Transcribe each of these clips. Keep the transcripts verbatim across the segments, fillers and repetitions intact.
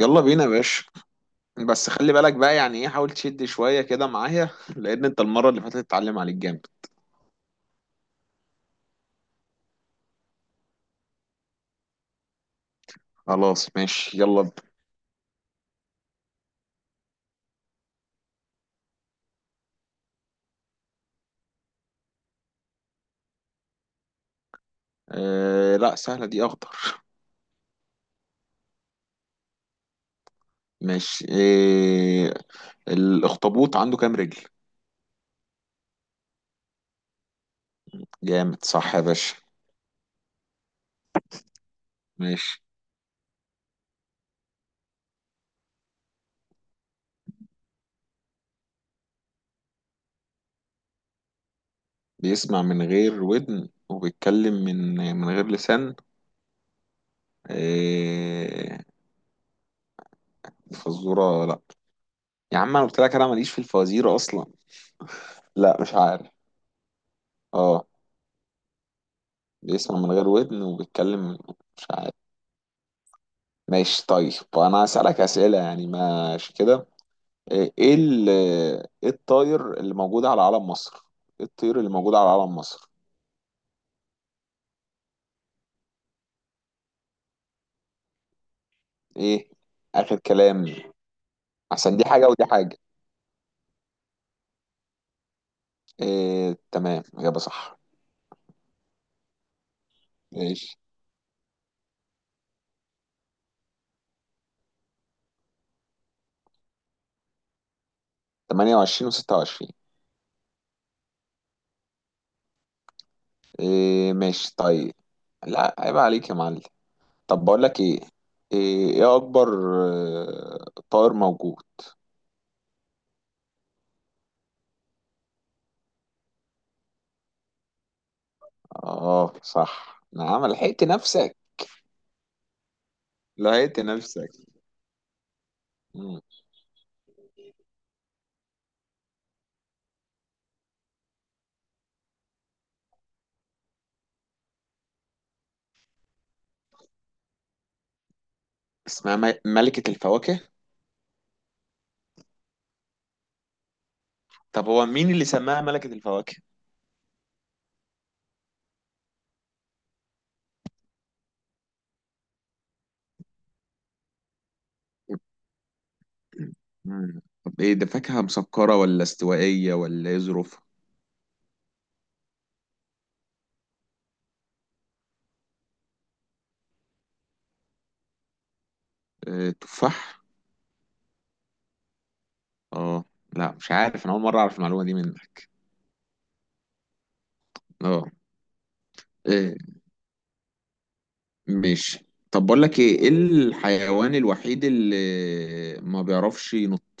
يلا بينا يا باشا. بس خلي بالك بقى يعني ايه، حاول تشد شوية كده معايا لأن انت المرة اللي فاتت اتعلم عليك جامد. خلاص ماشي يلا ب... آه لا، سهلة دي، أخضر. ماشي آه. الأخطبوط عنده كام رجل؟ جامد صح يا باشا. ماشي. بيسمع من غير ودن وبيتكلم من من غير لسان. آه الفزورة لا. يا عم أنا قلت لك أنا ماليش في الفوازير أصلا. لا مش عارف. اه. بيسمع من غير ودن وبيتكلم. مش عارف. ماشي طيب، انا هسألك أسئلة يعني، ماشي كده. ايه إيه ال- إيه الطاير اللي موجود على علم مصر؟ ايه الطير اللي موجود على علم مصر؟ ايه؟ اخر كلام. عشان دي حاجة ودي حاجة. إيه تمام، إجابة صح. ماشي. تمانية وعشرين و26. إيه، ماشي طيب. لا عيب عليك يا معلم. طب بقول لك ايه. ايه إيه اكبر آه، طائر موجود. اه صح، نعم، لحقت نفسك. لحقت نفسك. اسمها م- ملكة الفواكه. طب هو مين اللي سماها ملكة الفواكه؟ مم. طب ايه ده، فاكهة مسكرة ولا استوائية ولا ايه ظروفها؟ آه، تفاح؟ اه لا، مش عارف، انا اول مرة اعرف المعلومة دي منك. اه. إيه. ماشي طب بقول لك ايه، ايه الحيوان الوحيد اللي ما بيعرفش ينط؟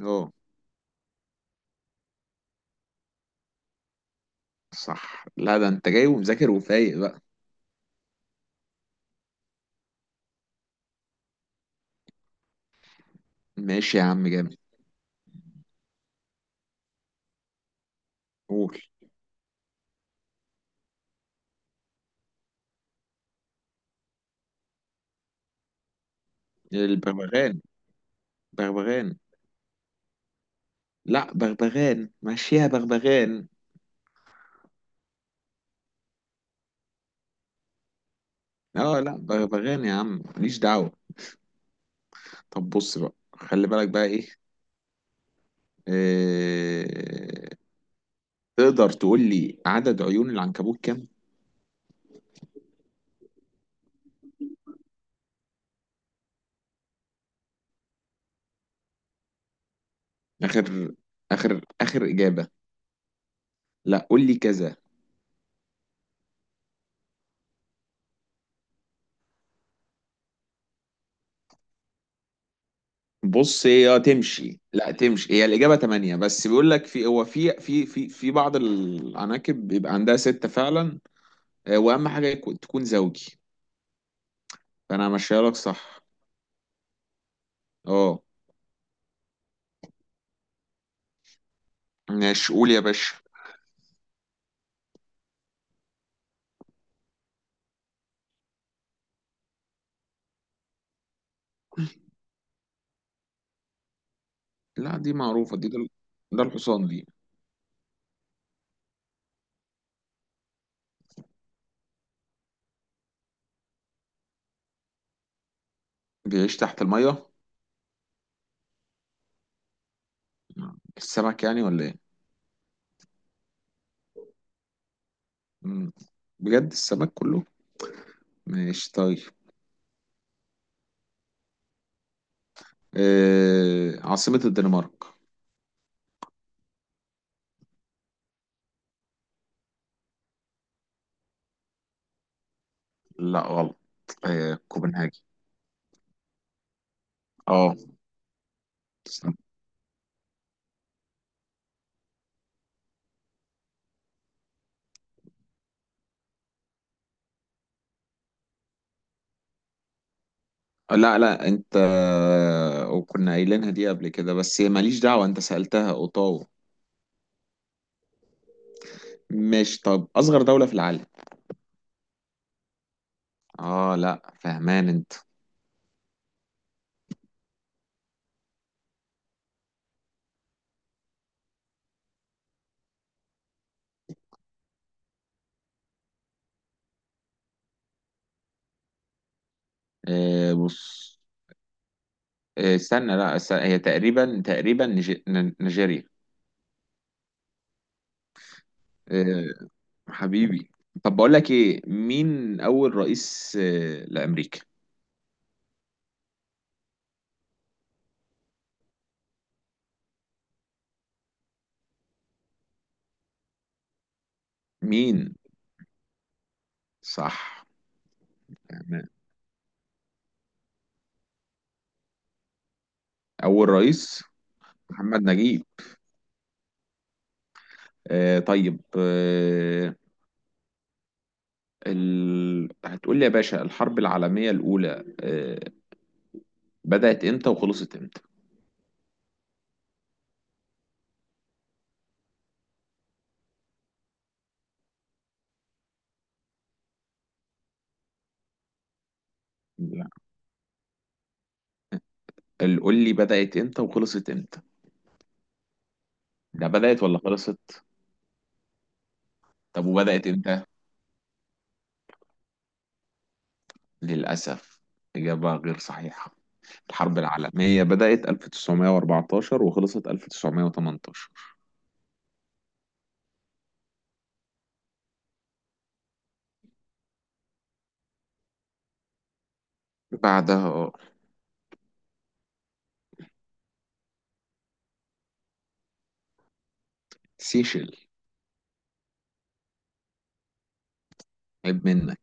اه صح. لا ده انت جاي ومذاكر وفايق بقى. ماشي يا عم جامد. قول. البغبغان. بغبغان. لا بغبغان، ماشي يا بغبغان. اه لا، ب- بغني يا عم ماليش دعوة. طب بص بقى، خلي بالك بقى ايه. آه... تقدر تقول لي عدد عيون العنكبوت كام؟ اخر اخر اخر اجابة. لا قول لي كذا. بص، هي تمشي لا تمشي، هي الإجابة تمانية، بس بيقول لك في، هو في في في في بعض العناكب بيبقى عندها ستة فعلا. آه، وأهم حاجة يكون- تكون زوجي. فأنا همشيها لك صح. اه ماشي، قول يا باشا. لا دي معروفة دي، ده ده الحصان دي. بيعيش تحت المية. السمك يعني ولا ايه؟ مم. بجد السمك كله. ماشي طيب. آه عاصمة الدنمارك؟ لا غلط. آه كوبنهاجي. اه لا لا انت. وكنا قايلينها دي قبل كده، بس هي ماليش دعوة، انت سألتها، اوتاوا. ماشي طب، اصغر دولة في العالم. اه لا، فهمان انت. آه بص. آه استنى، لا است- هي تقريبا تقريبا نيج- ن- نيجيريا. آه، حبيبي. طب بقول لك ايه، مين اول رئيس آه، لامريكا؟ مين؟ صح. تمام. اول رئيس. محمد نجيب. آه طيب آه. ال... هتقول لي يا باشا الحرب العالمية الأولى آه بدأت امتى وخلصت امتى؟ لا. ال- قول لي بدأت امتى وخلصت امتى. ده بدأت ولا خلصت؟ طب وبدأت امتى؟ للأسف إجابة غير صحيحة. الحرب العالمية بدأت ألف وتسعمية وأربعتاشر وخلصت ألف وتسعمائة وثمانية عشر. بعدها اه. سيشل. عيب منك.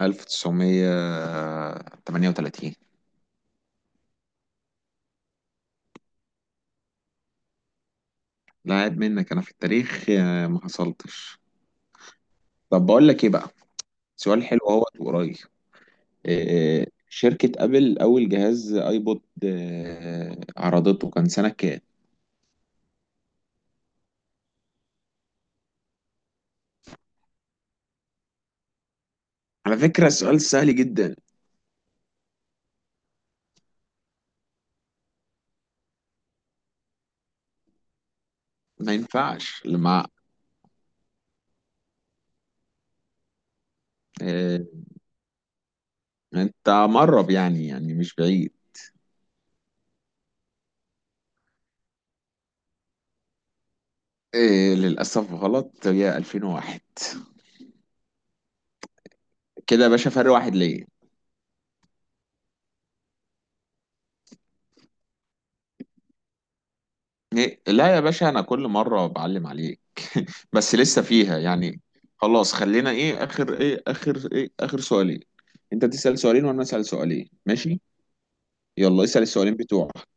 ألف وتسعمية وتمنية وتلاتين. لا عيب منك، انا في التاريخ آه، ما حصلتش. طب بقول لك ايه بقى. سؤال حلو اهو وقريب. آه، شركة ابل اول جهاز ايبود آه، عرضته كان سنة كام؟ على فكرة السؤال سهل جدا. ما ينفعش لما. آه، انت مقرب يعني يعني مش بعيد. آه، للاسف غلط، هي ألفين وواحد. كده يا باشا فرق واحد ليه. إيه؟ لا يا باشا انا كل مره بعلم عليك. بس لسه فيها يعني. خلاص، خلينا ايه اخر ايه اخر ايه اخر سؤالين. انت تسال سؤالين وانا اسال سؤالين، ماشي. يلا اسال السؤالين بتوعك.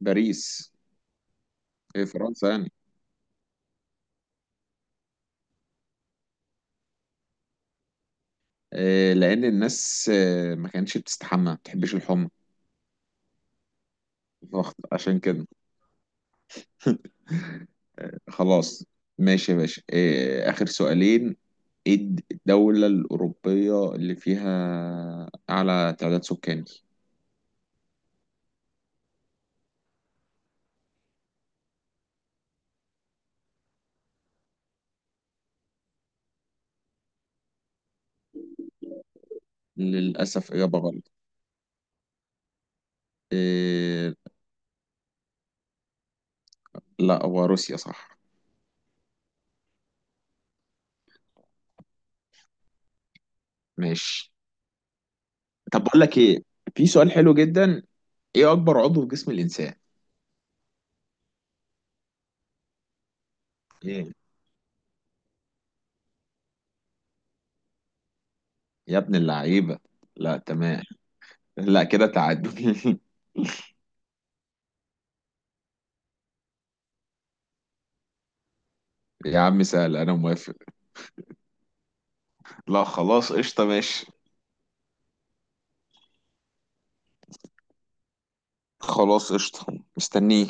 باريس. إيه فرنسا يعني. إيه، لان الناس آه، ما كانتش بتستحمى، ما بتحبش الحمى. فخ- عشان كده. خلاص. ماشي يا باشا، إيه اخر سؤالين. ايه الد- الدوله الاوروبيه اللي فيها اعلى تعداد سكاني؟ للاسف اجابه غلط. إيه... لا هو روسيا صح. ماشي طب بقول لك ايه. في سؤال حلو جدا. ايه اكبر عضو في جسم الانسان؟ ايه؟ يا ابن اللعيبه. لا تمام. لا كده تعادل. يا عم سهل، انا موافق. لا خلاص قشطه، ماشي. خلاص قشطه. مستنيه.